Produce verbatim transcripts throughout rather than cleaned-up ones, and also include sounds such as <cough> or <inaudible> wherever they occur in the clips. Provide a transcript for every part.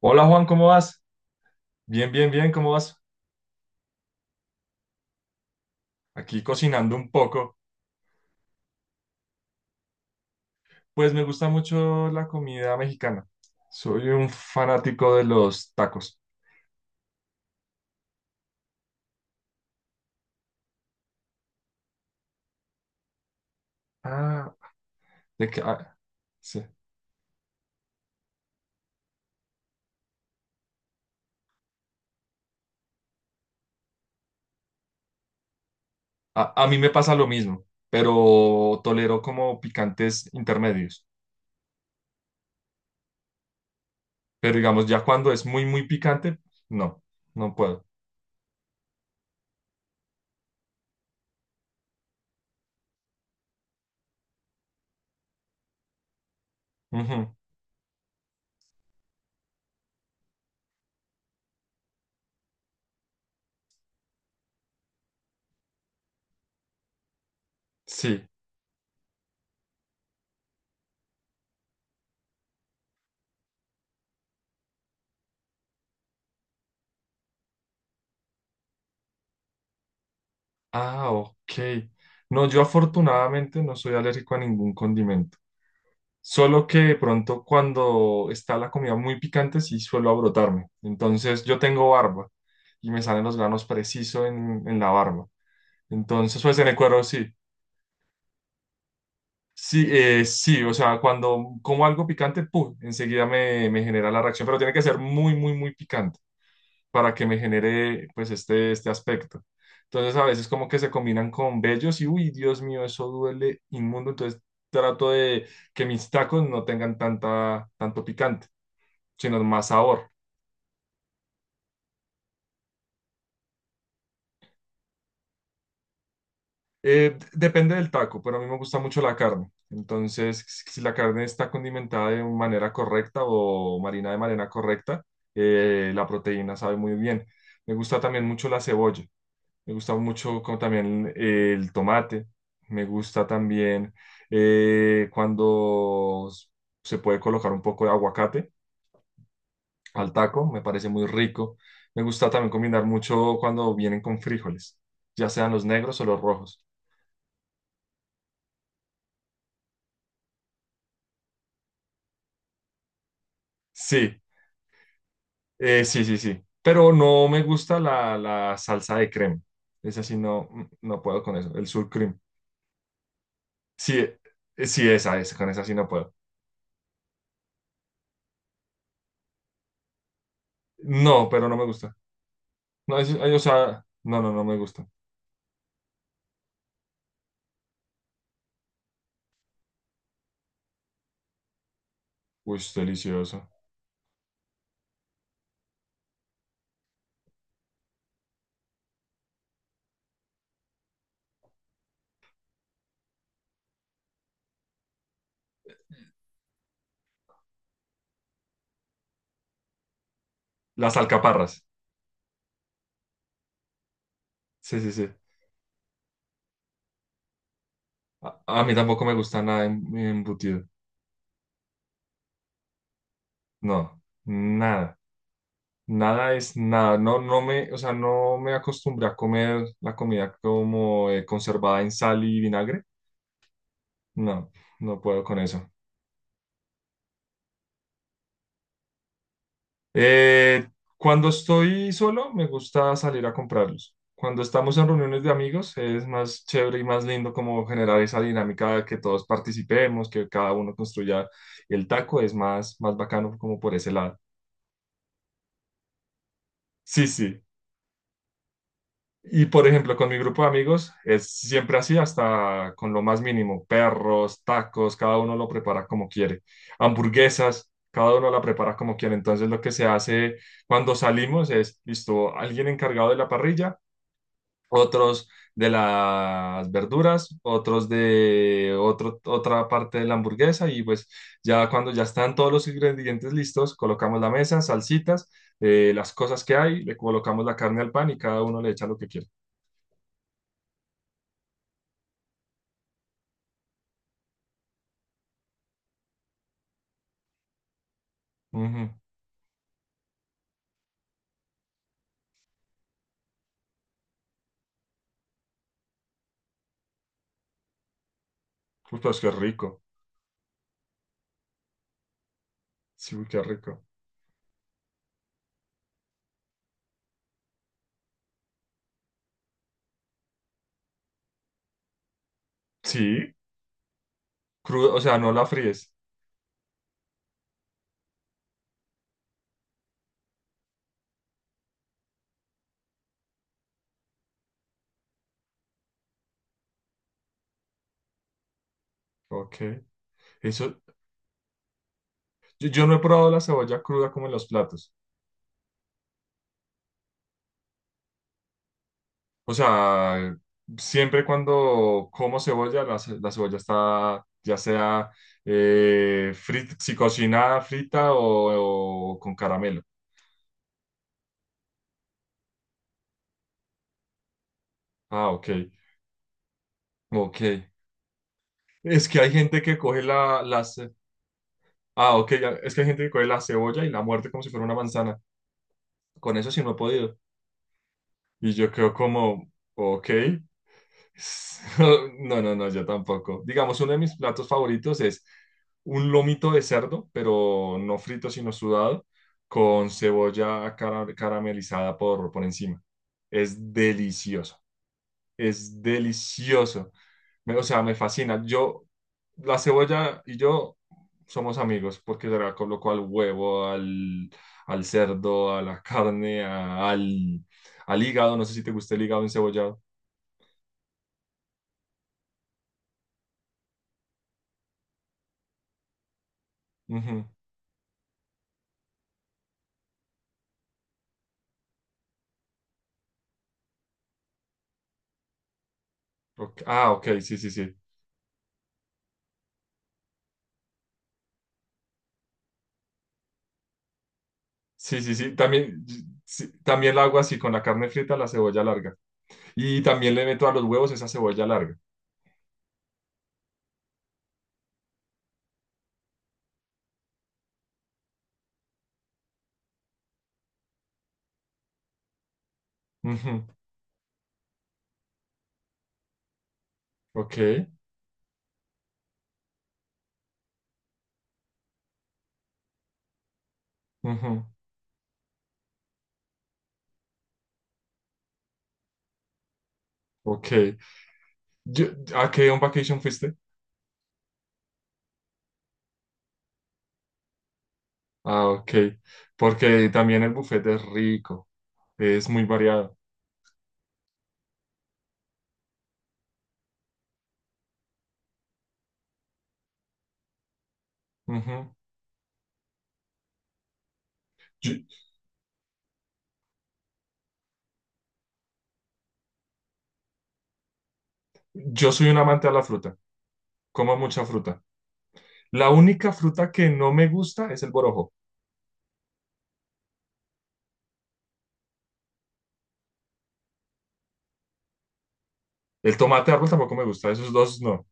Hola Juan, ¿cómo vas? Bien, bien, bien, ¿cómo vas? Aquí cocinando un poco. Pues me gusta mucho la comida mexicana. Soy un fanático de los tacos. Ah, de que, ah, sí. A, a mí me pasa lo mismo, pero tolero como picantes intermedios. Pero digamos, ya cuando es muy, muy picante, no, no puedo. Ujú. Sí. Ah, ok. No, yo afortunadamente no soy alérgico a ningún condimento. Solo que de pronto cuando está la comida muy picante sí suelo abrotarme. Entonces yo tengo barba y me salen los granos preciso en, en la barba. Entonces pues en el cuero sí. Sí, eh, sí, o sea, cuando como algo picante, ¡pum! Enseguida me, me genera la reacción, pero tiene que ser muy, muy, muy picante para que me genere pues este, este aspecto. Entonces a veces como que se combinan con vellos y uy, Dios mío, eso duele inmundo. Entonces trato de que mis tacos no tengan tanta, tanto picante, sino más sabor. Eh, depende del taco, pero a mí me gusta mucho la carne. Entonces, si si la carne está condimentada de manera correcta o marina de manera correcta, eh, la proteína sabe muy bien. Me gusta también mucho la cebolla. Me gusta mucho como también eh, el tomate. Me gusta también eh, cuando s- se puede colocar un poco de aguacate al taco. Me parece muy rico. Me gusta también combinar mucho cuando vienen con frijoles, ya sean los negros o los rojos. Sí, eh, sí, sí, sí. Pero no me gusta la, la salsa de crema. Esa sí no, mm, no puedo con eso. El sour cream. Sí, eh, eh, sí, esa, esa, con esa sí no puedo. No, pero no me gusta. No, es- eh, o sea, no, no, no me gusta. Uy, es delicioso. Las alcaparras. Sí, sí, sí. A, a mí tampoco me gusta nada en- embutido. No, nada. Nada es nada. No, no me, o sea, no me acostumbré a comer la comida como eh, conservada en sal y vinagre. No, no puedo con eso. Eh, Cuando estoy solo, me gusta salir a comprarlos. Cuando estamos en reuniones de amigos, es más chévere y más lindo como generar esa dinámica de que todos participemos, que cada uno construya el taco, es más, más bacano como por ese lado. Sí, sí. Y por ejemplo, con mi grupo de amigos es siempre así, hasta con lo más mínimo, perros, tacos, cada uno lo prepara como quiere, hamburguesas, cada uno la prepara como quiere. Entonces lo que se hace cuando salimos es, listo, alguien encargado de la parrilla, otros de las verduras, otros de otro, otra parte de la hamburguesa y pues ya cuando ya están todos los ingredientes listos, colocamos la mesa, salsitas, eh, las cosas que hay, le colocamos la carne al pan y cada uno le echa lo que quiere. Ujú. Uy, pues qué rico. Sí, uy, qué rico. Sí, crudo, o sea, no la fríes. Ok. Eso, yo, yo no he probado la cebolla cruda como en los platos. O sea, siempre cuando como cebolla, la, ce- la cebolla está ya sea eh, frit- si cocinada, frita o, o con caramelo. Ah, ok. Ok. Es que hay gente que coge la, la ce- Ah, ok. ya- Es que hay gente que coge la cebolla y la muerde como si fuera una manzana. Con eso sí no he podido. Y yo quedo como, ok. <laughs> No, no, no, yo tampoco. Digamos, uno de mis platos favoritos es un lomito de cerdo, pero no frito, sino sudado, con cebolla cara- caramelizada por, por encima. Es delicioso, es delicioso. Me- o sea, me fascina. Yo, la cebolla y yo somos amigos porque se la coloco al huevo, al, al cerdo, a la carne, a- al, al hígado. No sé si te gusta el hígado encebollado. Ujú. Ok. Ah, ok, sí, sí, sí. Sí, sí, sí. También, sí, también la hago así con la carne frita, la cebolla larga. Y también le meto a los huevos esa cebolla larga. Ujú. Ok, ujú. Ok. Yo- ¿A qué on vacation fuiste? Ah, ok. Porque también el buffet es rico. Es muy variado. Ujú. Yo, yo soy un amante a la fruta, como mucha fruta. La única fruta que no me gusta es el borojo. El tomate de árbol tampoco me gusta, esos dos no.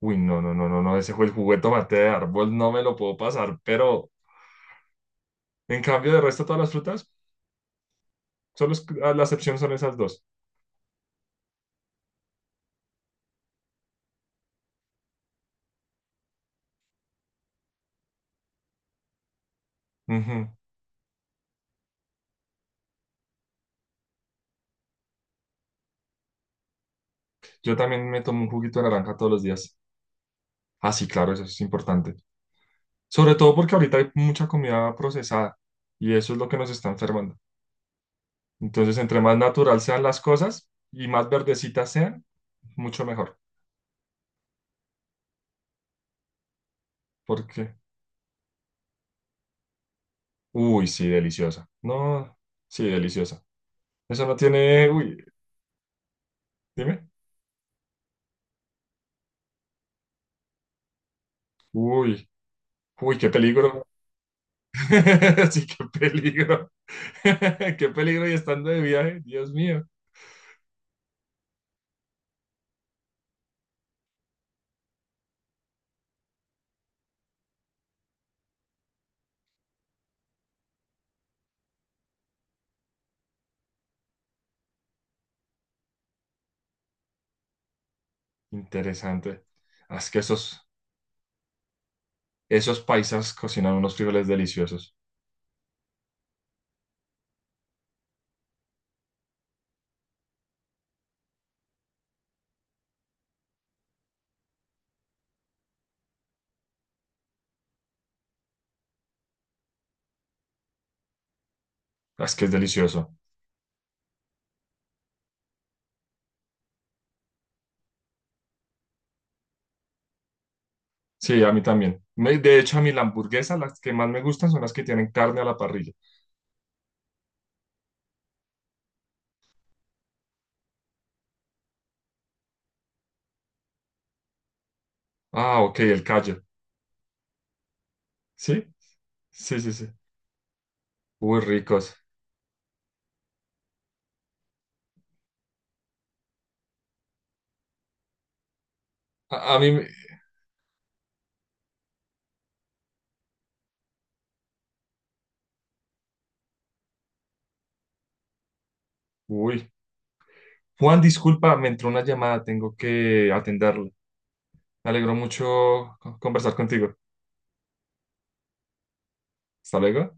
Uy, no, no, no, no, no, ese fue el juguete tomate de árbol, no me lo puedo pasar, pero en cambio de resto todas las frutas, solo es- ah, la excepción son esas dos. Ujú. Yo también me tomo un juguito de naranja todos los días. Ah, sí, claro, eso es importante. Sobre todo porque ahorita hay mucha comida procesada y eso es lo que nos está enfermando. Entonces, entre más natural sean las cosas y más verdecitas sean, mucho mejor. Porque, uy, sí, deliciosa. No, sí, deliciosa. Eso no tiene, uy, dime. Uy, uy, qué peligro. <laughs> Sí, qué peligro. <laughs> Qué peligro y estando de viaje, Dios mío. Interesante. Ah, es que esos, esos paisas cocinan unos frijoles deliciosos. Ah, es que es delicioso. Sí, a mí también. Me- de hecho, a mí la hamburguesa, las que más me gustan son las que tienen carne a la parrilla. Ah, ok, el callo. Sí, sí, sí, sí. Uy, ricos. A, a mí, me- Uy. Juan, disculpa, me entró una llamada, tengo que atenderla. Me alegró mucho conversar contigo. Hasta luego.